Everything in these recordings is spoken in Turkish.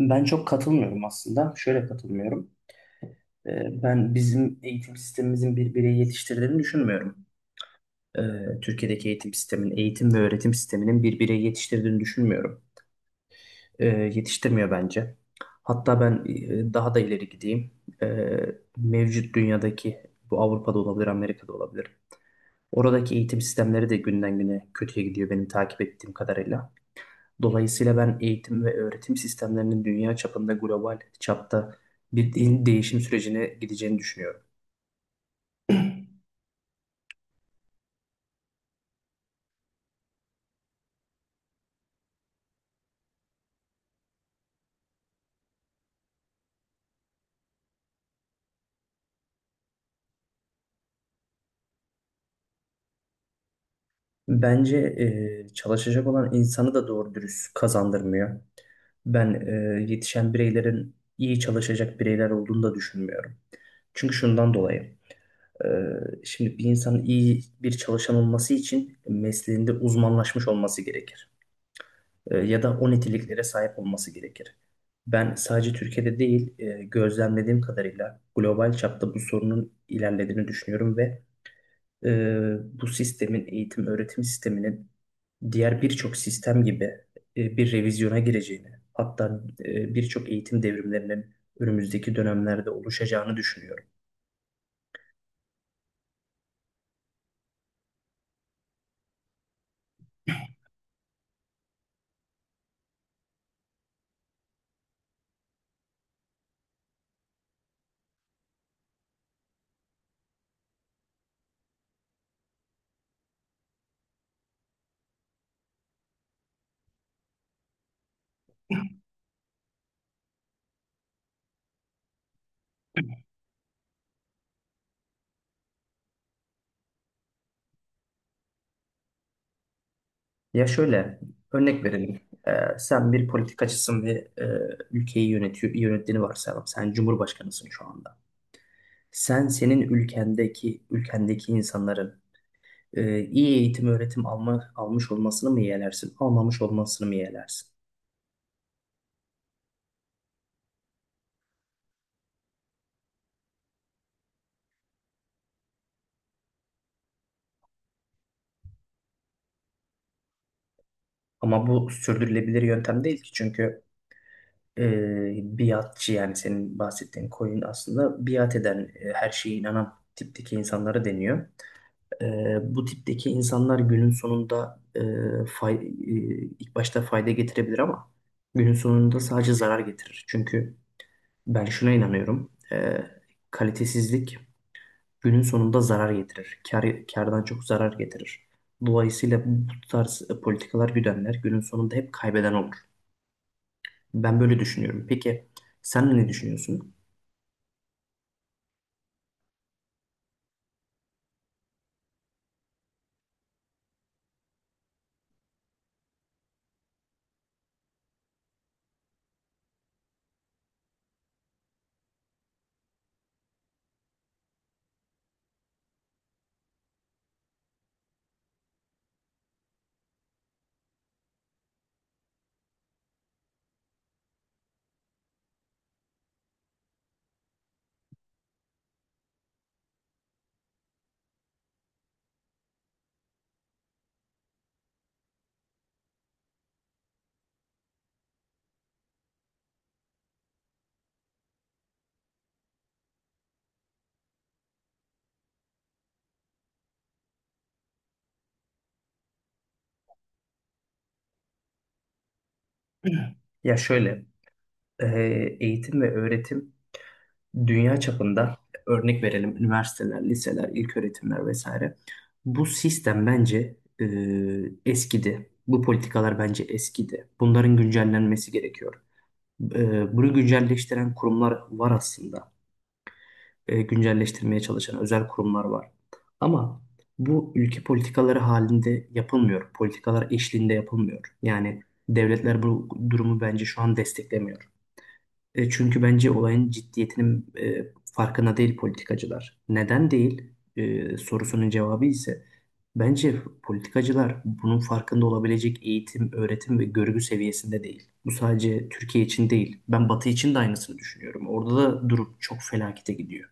Ben çok katılmıyorum aslında. Şöyle katılmıyorum. Ben bizim eğitim sistemimizin bir bireyi yetiştirdiğini düşünmüyorum. Ee, Türkiye'deki eğitim sistemin, eğitim ve öğretim sisteminin bir bireyi yetiştirdiğini düşünmüyorum. Yetiştirmiyor bence. Hatta ben daha da ileri gideyim. Ee, Mevcut dünyadaki, bu Avrupa'da olabilir, Amerika'da olabilir. Oradaki eğitim sistemleri de günden güne kötüye gidiyor benim takip ettiğim kadarıyla. Dolayısıyla ben eğitim ve öğretim sistemlerinin dünya çapında global çapta bir değişim sürecine gideceğini düşünüyorum. Bence çalışacak olan insanı da doğru dürüst kazandırmıyor. Ben yetişen bireylerin iyi çalışacak bireyler olduğunu da düşünmüyorum. Çünkü şundan dolayı. e, Şimdi bir insanın iyi bir çalışan olması için mesleğinde uzmanlaşmış olması gerekir. Ya da o niteliklere sahip olması gerekir. Ben sadece Türkiye'de değil, gözlemlediğim kadarıyla global çapta bu sorunun ilerlediğini düşünüyorum ve e, bu sistemin, eğitim öğretim sisteminin diğer birçok sistem gibi bir revizyona gireceğini, hatta birçok eğitim devrimlerinin önümüzdeki dönemlerde oluşacağını düşünüyorum. Ya şöyle, örnek verelim. E, Sen bir politikacısın ve e, ülkeyi yönetiyor, yönettiğini varsayalım. Sen cumhurbaşkanısın şu anda. Sen senin ülkendeki insanların iyi eğitim öğretim alma, almış olmasını mı yeğlersin, almamış olmasını mı yeğlersin? Ama bu sürdürülebilir yöntem değil ki çünkü e, biatçı yani senin bahsettiğin koyun aslında biat eden, her şeye inanan tipteki insanlara deniyor. E, Bu tipteki insanlar günün sonunda fay, e, ilk başta fayda getirebilir ama günün sonunda sadece zarar getirir. Çünkü ben şuna inanıyorum. Kalitesizlik günün sonunda zarar getirir. Kardan çok zarar getirir. Dolayısıyla bu tarz politikalar güdenler günün sonunda hep kaybeden olur. Ben böyle düşünüyorum. Peki sen ne düşünüyorsun? Ya şöyle, e, eğitim ve öğretim dünya çapında örnek verelim üniversiteler, liseler, ilköğretimler vesaire. Bu sistem bence e, eskidi. Bu politikalar bence eskidi. Bunların güncellenmesi gerekiyor. Bunu güncelleştiren kurumlar var aslında. Güncelleştirmeye çalışan özel kurumlar var. Ama bu ülke politikaları halinde yapılmıyor. Politikalar eşliğinde yapılmıyor. Yani devletler bu durumu bence şu an desteklemiyor. Çünkü bence olayın ciddiyetinin farkına değil politikacılar. Neden değil sorusunun cevabı ise bence politikacılar bunun farkında olabilecek eğitim, öğretim ve görgü seviyesinde değil. Bu sadece Türkiye için değil. Ben Batı için de aynısını düşünüyorum. Orada da durum çok felakete gidiyor.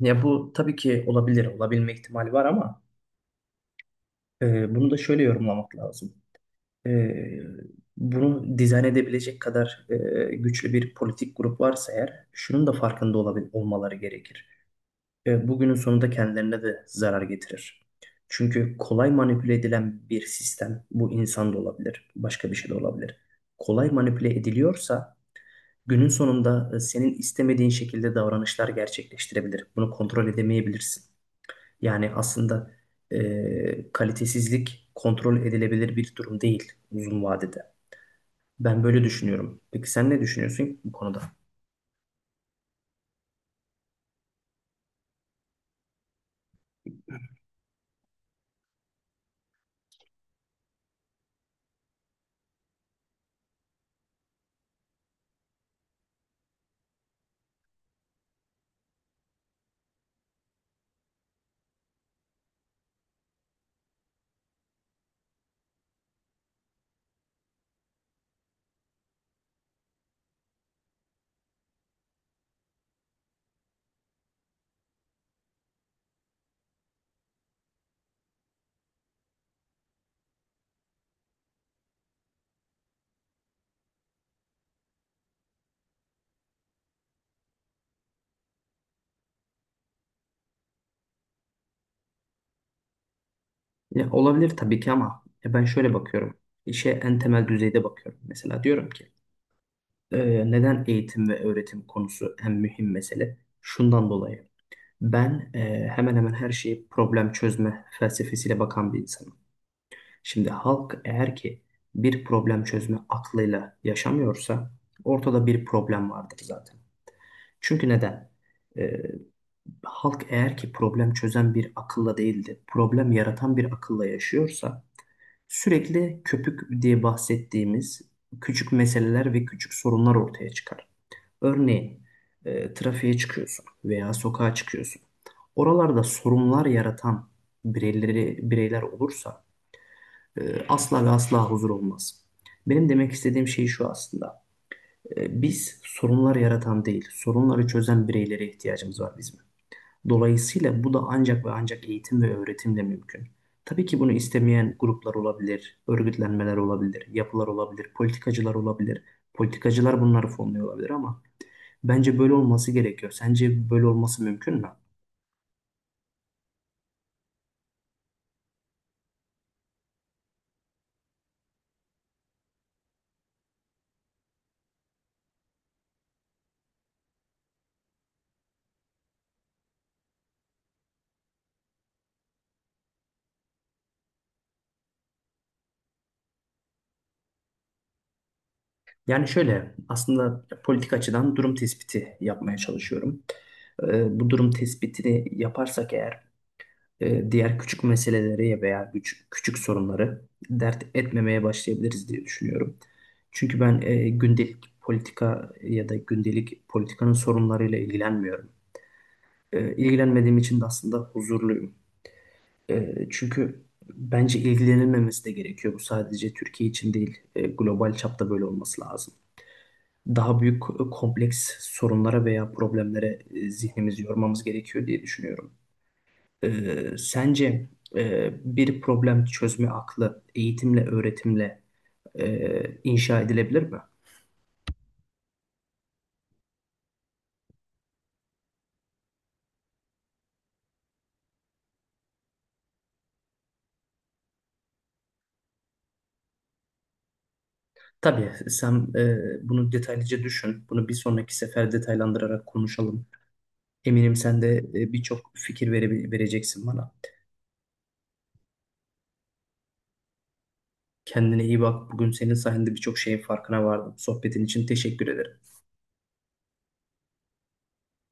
Ya bu tabii ki olabilir, olabilme ihtimali var ama bunu da şöyle yorumlamak lazım. E, Bunu dizayn edebilecek kadar güçlü bir politik grup varsa eğer, şunun da farkında olmaları gerekir. Bugünün sonunda kendilerine de zarar getirir. Çünkü kolay manipüle edilen bir sistem, bu insan da olabilir, başka bir şey de olabilir. Kolay manipüle ediliyorsa, günün sonunda senin istemediğin şekilde davranışlar gerçekleştirebilir. Bunu kontrol edemeyebilirsin. Yani aslında kalitesizlik kontrol edilebilir bir durum değil uzun vadede. Ben böyle düşünüyorum. Peki sen ne düşünüyorsun bu konuda? Ya, olabilir tabii ki ama ya ben şöyle bakıyorum. İşe en temel düzeyde bakıyorum. Mesela diyorum ki neden eğitim ve öğretim konusu en mühim mesele? Şundan dolayı. Ben hemen hemen her şeyi problem çözme felsefesiyle bakan bir insanım. Şimdi halk eğer ki bir problem çözme aklıyla yaşamıyorsa ortada bir problem vardır zaten. Çünkü neden? Ee, Halk eğer ki problem çözen bir akılla değil de problem yaratan bir akılla yaşıyorsa sürekli köpük diye bahsettiğimiz küçük meseleler ve küçük sorunlar ortaya çıkar. Örneğin trafiğe çıkıyorsun veya sokağa çıkıyorsun. Oralarda sorunlar yaratan bireyler olursa asla ve asla huzur olmaz. Benim demek istediğim şey şu aslında. Biz sorunlar yaratan değil, sorunları çözen bireylere ihtiyacımız var bizim. Dolayısıyla bu da ancak ve ancak eğitim ve öğretimle mümkün. Tabii ki bunu istemeyen gruplar olabilir, örgütlenmeler olabilir, yapılar olabilir, politikacılar olabilir. Politikacılar bunları fonluyor olabilir ama bence böyle olması gerekiyor. Sence böyle olması mümkün mü? Yani şöyle aslında politik açıdan durum tespiti yapmaya çalışıyorum. Bu durum tespitini yaparsak eğer diğer küçük meseleleri veya küçük sorunları dert etmemeye başlayabiliriz diye düşünüyorum. Çünkü ben gündelik politika ya da gündelik politikanın sorunlarıyla ilgilenmiyorum. İlgilenmediğim için de aslında huzurluyum. Çünkü bence ilgilenilmemesi de gerekiyor. Bu sadece Türkiye için değil, global çapta böyle olması lazım daha büyük kompleks sorunlara veya problemlere zihnimizi yormamız gerekiyor diye düşünüyorum. Sence bir problem çözme aklı eğitimle, öğretimle inşa edilebilir mi? Tabii sen bunu detaylıca düşün. Bunu bir sonraki sefer detaylandırarak konuşalım. Eminim sen de birçok fikir vereceksin bana. Kendine iyi bak. Bugün senin sayende birçok şeyin farkına vardım. Sohbetin için teşekkür ederim.